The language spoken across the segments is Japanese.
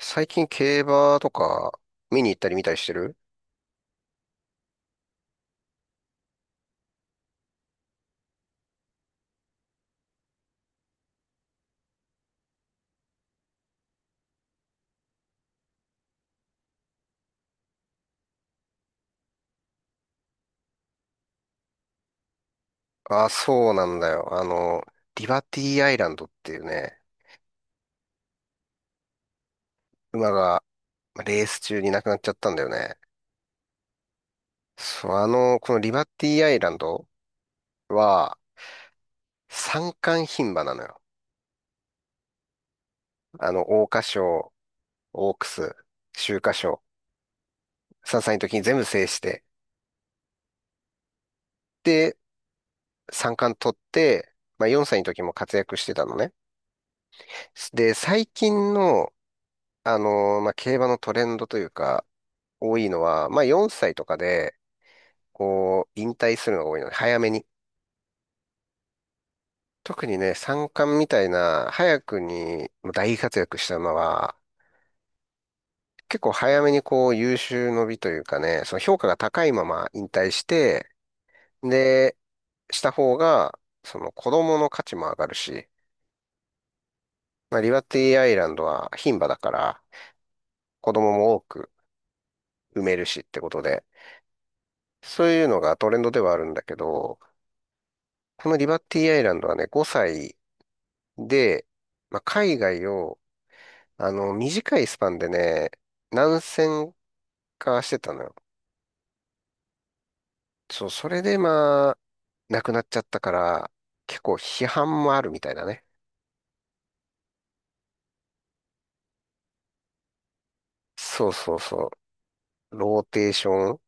最近競馬とか見に行ったり見たりしてる。ああ、そうなんだよ。リバティアイランドっていうね、馬が、まあレース中に亡くなっちゃったんだよね。そう、このリバティアイランドは三冠牝馬なのよ。桜花賞、オークス、秋華賞、3歳の時に全部制して、で、三冠取って、まあ、4歳の時も活躍してたのね。で、最近の、まあ、競馬のトレンドというか、多いのは、まあ4歳とかで、こう、引退するのが多いので、早めに。特にね、三冠みたいな、早くに大活躍した馬は、結構早めにこう、優秀の美というかね、その評価が高いまま引退して、で、した方が、その子供の価値も上がるし、まあ、リバティアイランドは牝馬だから、子供も多く産めるしってことで、そういうのがトレンドではあるんだけど、このリバティアイランドはね、5歳で、まあ、海外を、短いスパンでね、何千かしてたのよ。そう、それでまあ、亡くなっちゃったから、結構批判もあるみたいなね。そうそうそう。ローテーション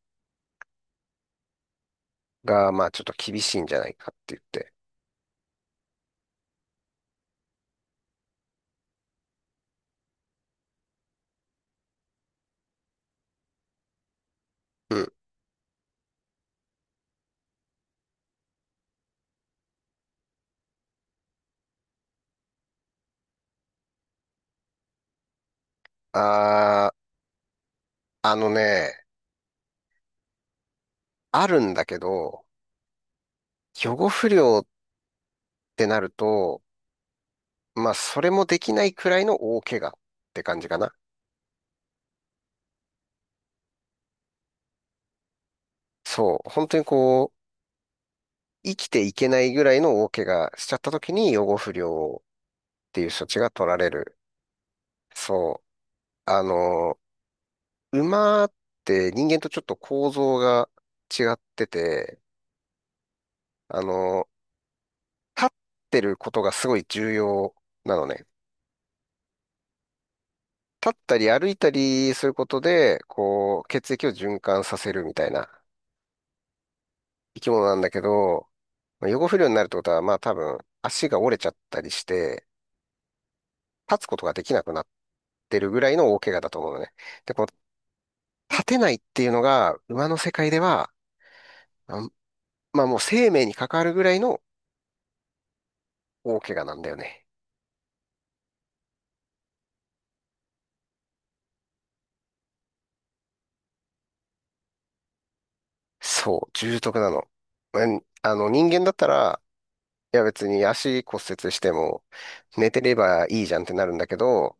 が、まあ、ちょっと厳しいんじゃないかって言って。うん。あー、あのね、あるんだけど、予後不良ってなると、まあ、それもできないくらいの大怪我って感じかな。そう。本当に生きていけないぐらいの大怪我しちゃった時に養護不良っていう処置が取られる。そう。あの、馬って人間とちょっと構造が違ってて、あの、立ってることがすごい重要なのね。立ったり歩いたりすることで、こう、血液を循環させるみたいな生き物なんだけど、まあ養護不良になるってことは、まあ多分足が折れちゃったりして、立つことができなくなってるぐらいの大怪我だと思うのね。で、この立てないっていうのが、馬の世界では、あまあもう生命に関わるぐらいの大怪我なんだよね。そう、重篤なの。うん、人間だったら、いや別に足骨折しても、寝てればいいじゃんってなるんだけど、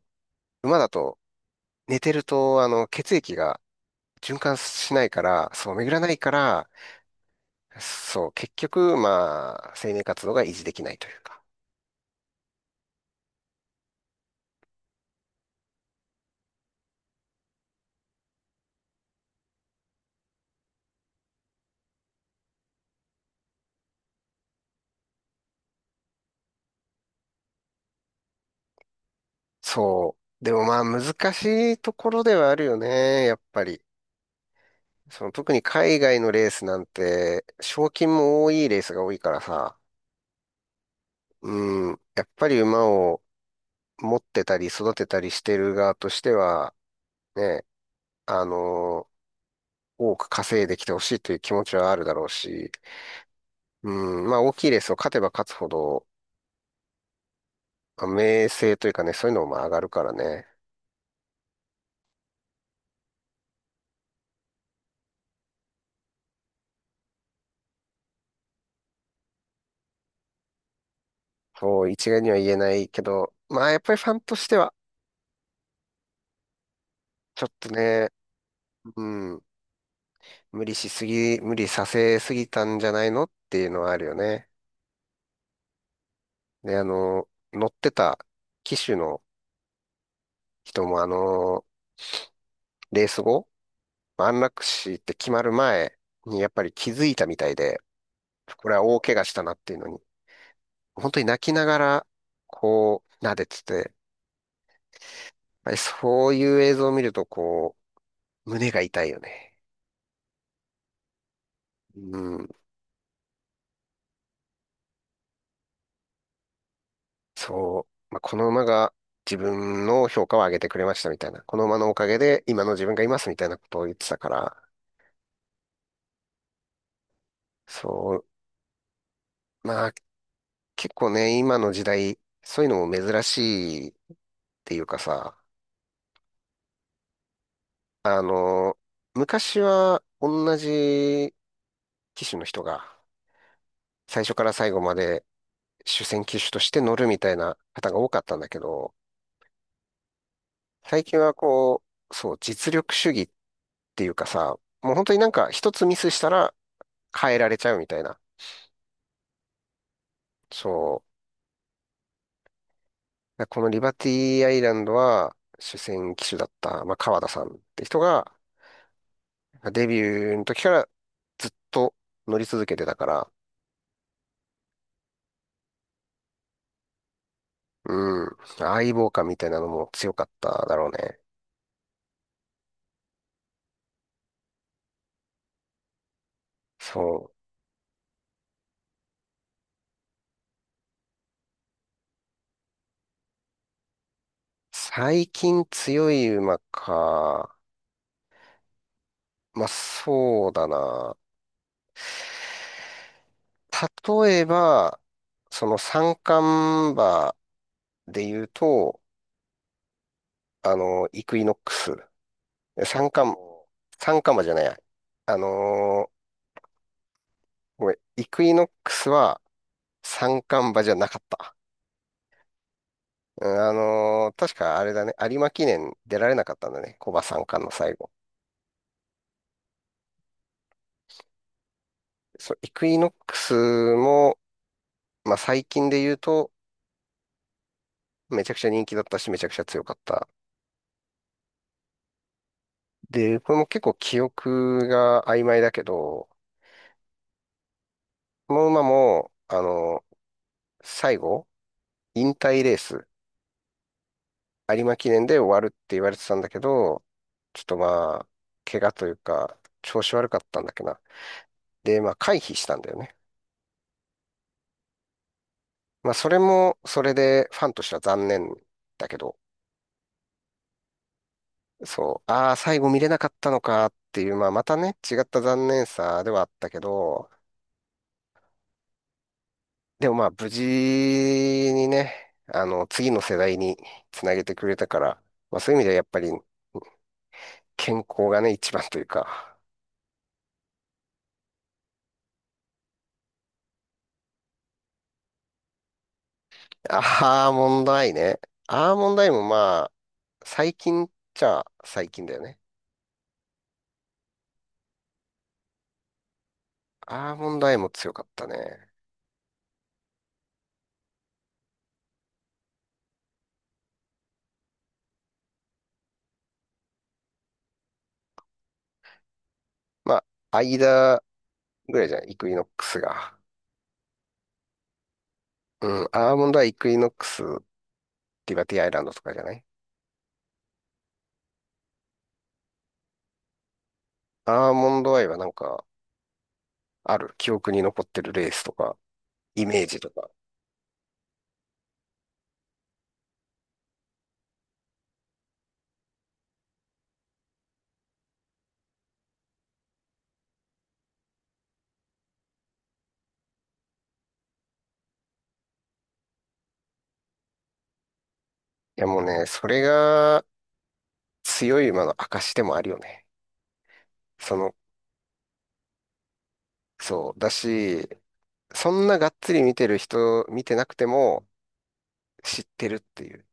馬だと、寝てると、血液が循環しないから、そう、巡らないから、そう、結局、まあ、生命活動が維持できないというか。そう。でもまあ難しいところではあるよね、やっぱり。その特に海外のレースなんて、賞金も多いレースが多いからさ、うん、やっぱり馬を持ってたり育てたりしてる側としては、ね、あの多く稼いできてほしいという気持ちはあるだろうし、うん、まあ大きいレースを勝てば勝つほど、まあ名声というかね、そういうのもまあ上がるからね。そう、一概には言えないけど、まあやっぱりファンとしては、ちょっとね、うん、無理させすぎたんじゃないのっていうのはあるよね。で、乗ってた騎手の人も、レース後、安楽死って決まる前にやっぱり気づいたみたいで、これは大怪我したなっていうのに、本当に泣きながら、こう、撫でてて、やっぱりそういう映像を見ると、こう、胸が痛いよね。うん、そう。まあ、この馬が自分の評価を上げてくれましたみたいな。この馬のおかげで今の自分がいますみたいなことを言ってたから、そう、まあ結構ね、今の時代、そういうのも珍しいっていうかさ、あの、昔は同じ機種の人が最初から最後まで主戦機種として乗るみたいな方が多かったんだけど、最近はこう、そう、実力主義っていうかさ、もう本当になんか一つミスしたら変えられちゃうみたいな。そう。このリバティアイランドは主戦機種だった、まあ、川田さんって人が、デビューの時からずっと乗り続けてたから、うん、相棒感みたいなのも強かっただろうね。そう。最近強い馬か。まあ、そうだな。例えば、その三冠馬で言うと、イクイノックス。三冠、三冠馬じゃないや。あのーごめん、イクイノックスは三冠馬じゃなかった。うん、確かあれだね、有馬記念出られなかったんだね、コバ三冠の最後。そう、イクイノックスも、まあ、最近で言うと、めちゃくちゃ人気だったし、めちゃくちゃ強かった。で、これも結構記憶が曖昧だけど、この馬も、最後、引退レース、有馬記念で終わるって言われてたんだけど、ちょっとまあ、怪我というか、調子悪かったんだっけな。で、まあ、回避したんだよね。まあ、それも、それでファンとしては残念だけど、そう、ああ、最後見れなかったのかっていう、まあ、またね、違った残念さではあったけど、でもまあ、無事にね、次の世代につなげてくれたから、まあ、そういう意味ではやっぱり健康がね、一番というか、アーモンドアイね。アーモンドアイもまあ、最近っちゃ最近だよね。アーモンドアイも強かったね。まあ、間ぐらいじゃん、イクイノックスが。うん、アーモンドアイ、イクイノックス、リバティアイランドとかじゃない。アーモンドアイはなんか、ある記憶に残ってるレースとか、イメージとか。いやもうね、それが強い馬の証でもあるよね。その、そう。だし、そんながっつり見てる人、見てなくても知ってるっていう。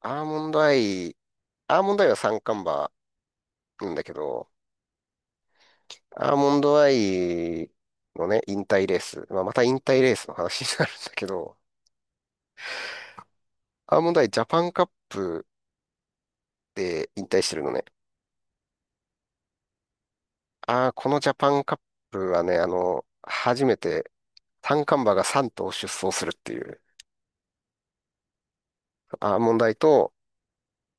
アーモンドアイ、アーモンドアイは三冠馬なんだけど、アーモンドアイのね、引退レース。まあ、また引退レースの話になるんだけど、アーモンドアイジャパンカップで引退してるのね。ああ、このジャパンカップはね、初めて三冠馬が3頭出走するっていう、アーモンダイと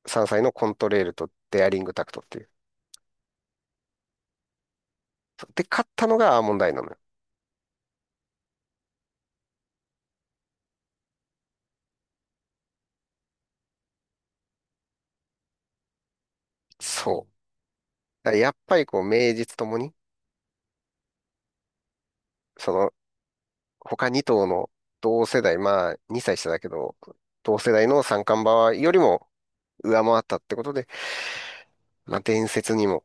3歳のコントレールとデアリングタクトっていう。で、勝ったのがアーモンダイなのよ。そう。だからやっぱりこう、名実ともに、その、他2頭の同世代、まあ、2歳下だけど、同世代の三冠馬よりも上回ったってことで、まあ、伝説にも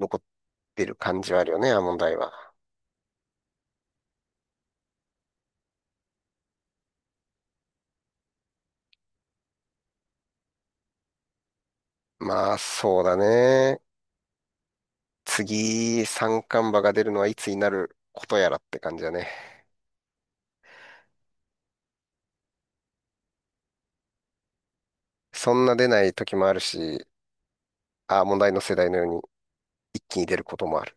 残ってる感じはあるよね、アーモンダイは。まあ、そうだね。次、三冠馬が出るのはいつになることやらって感じだね。そんな出ない時もあるし、ああ、問題の世代のように一気に出ることもある。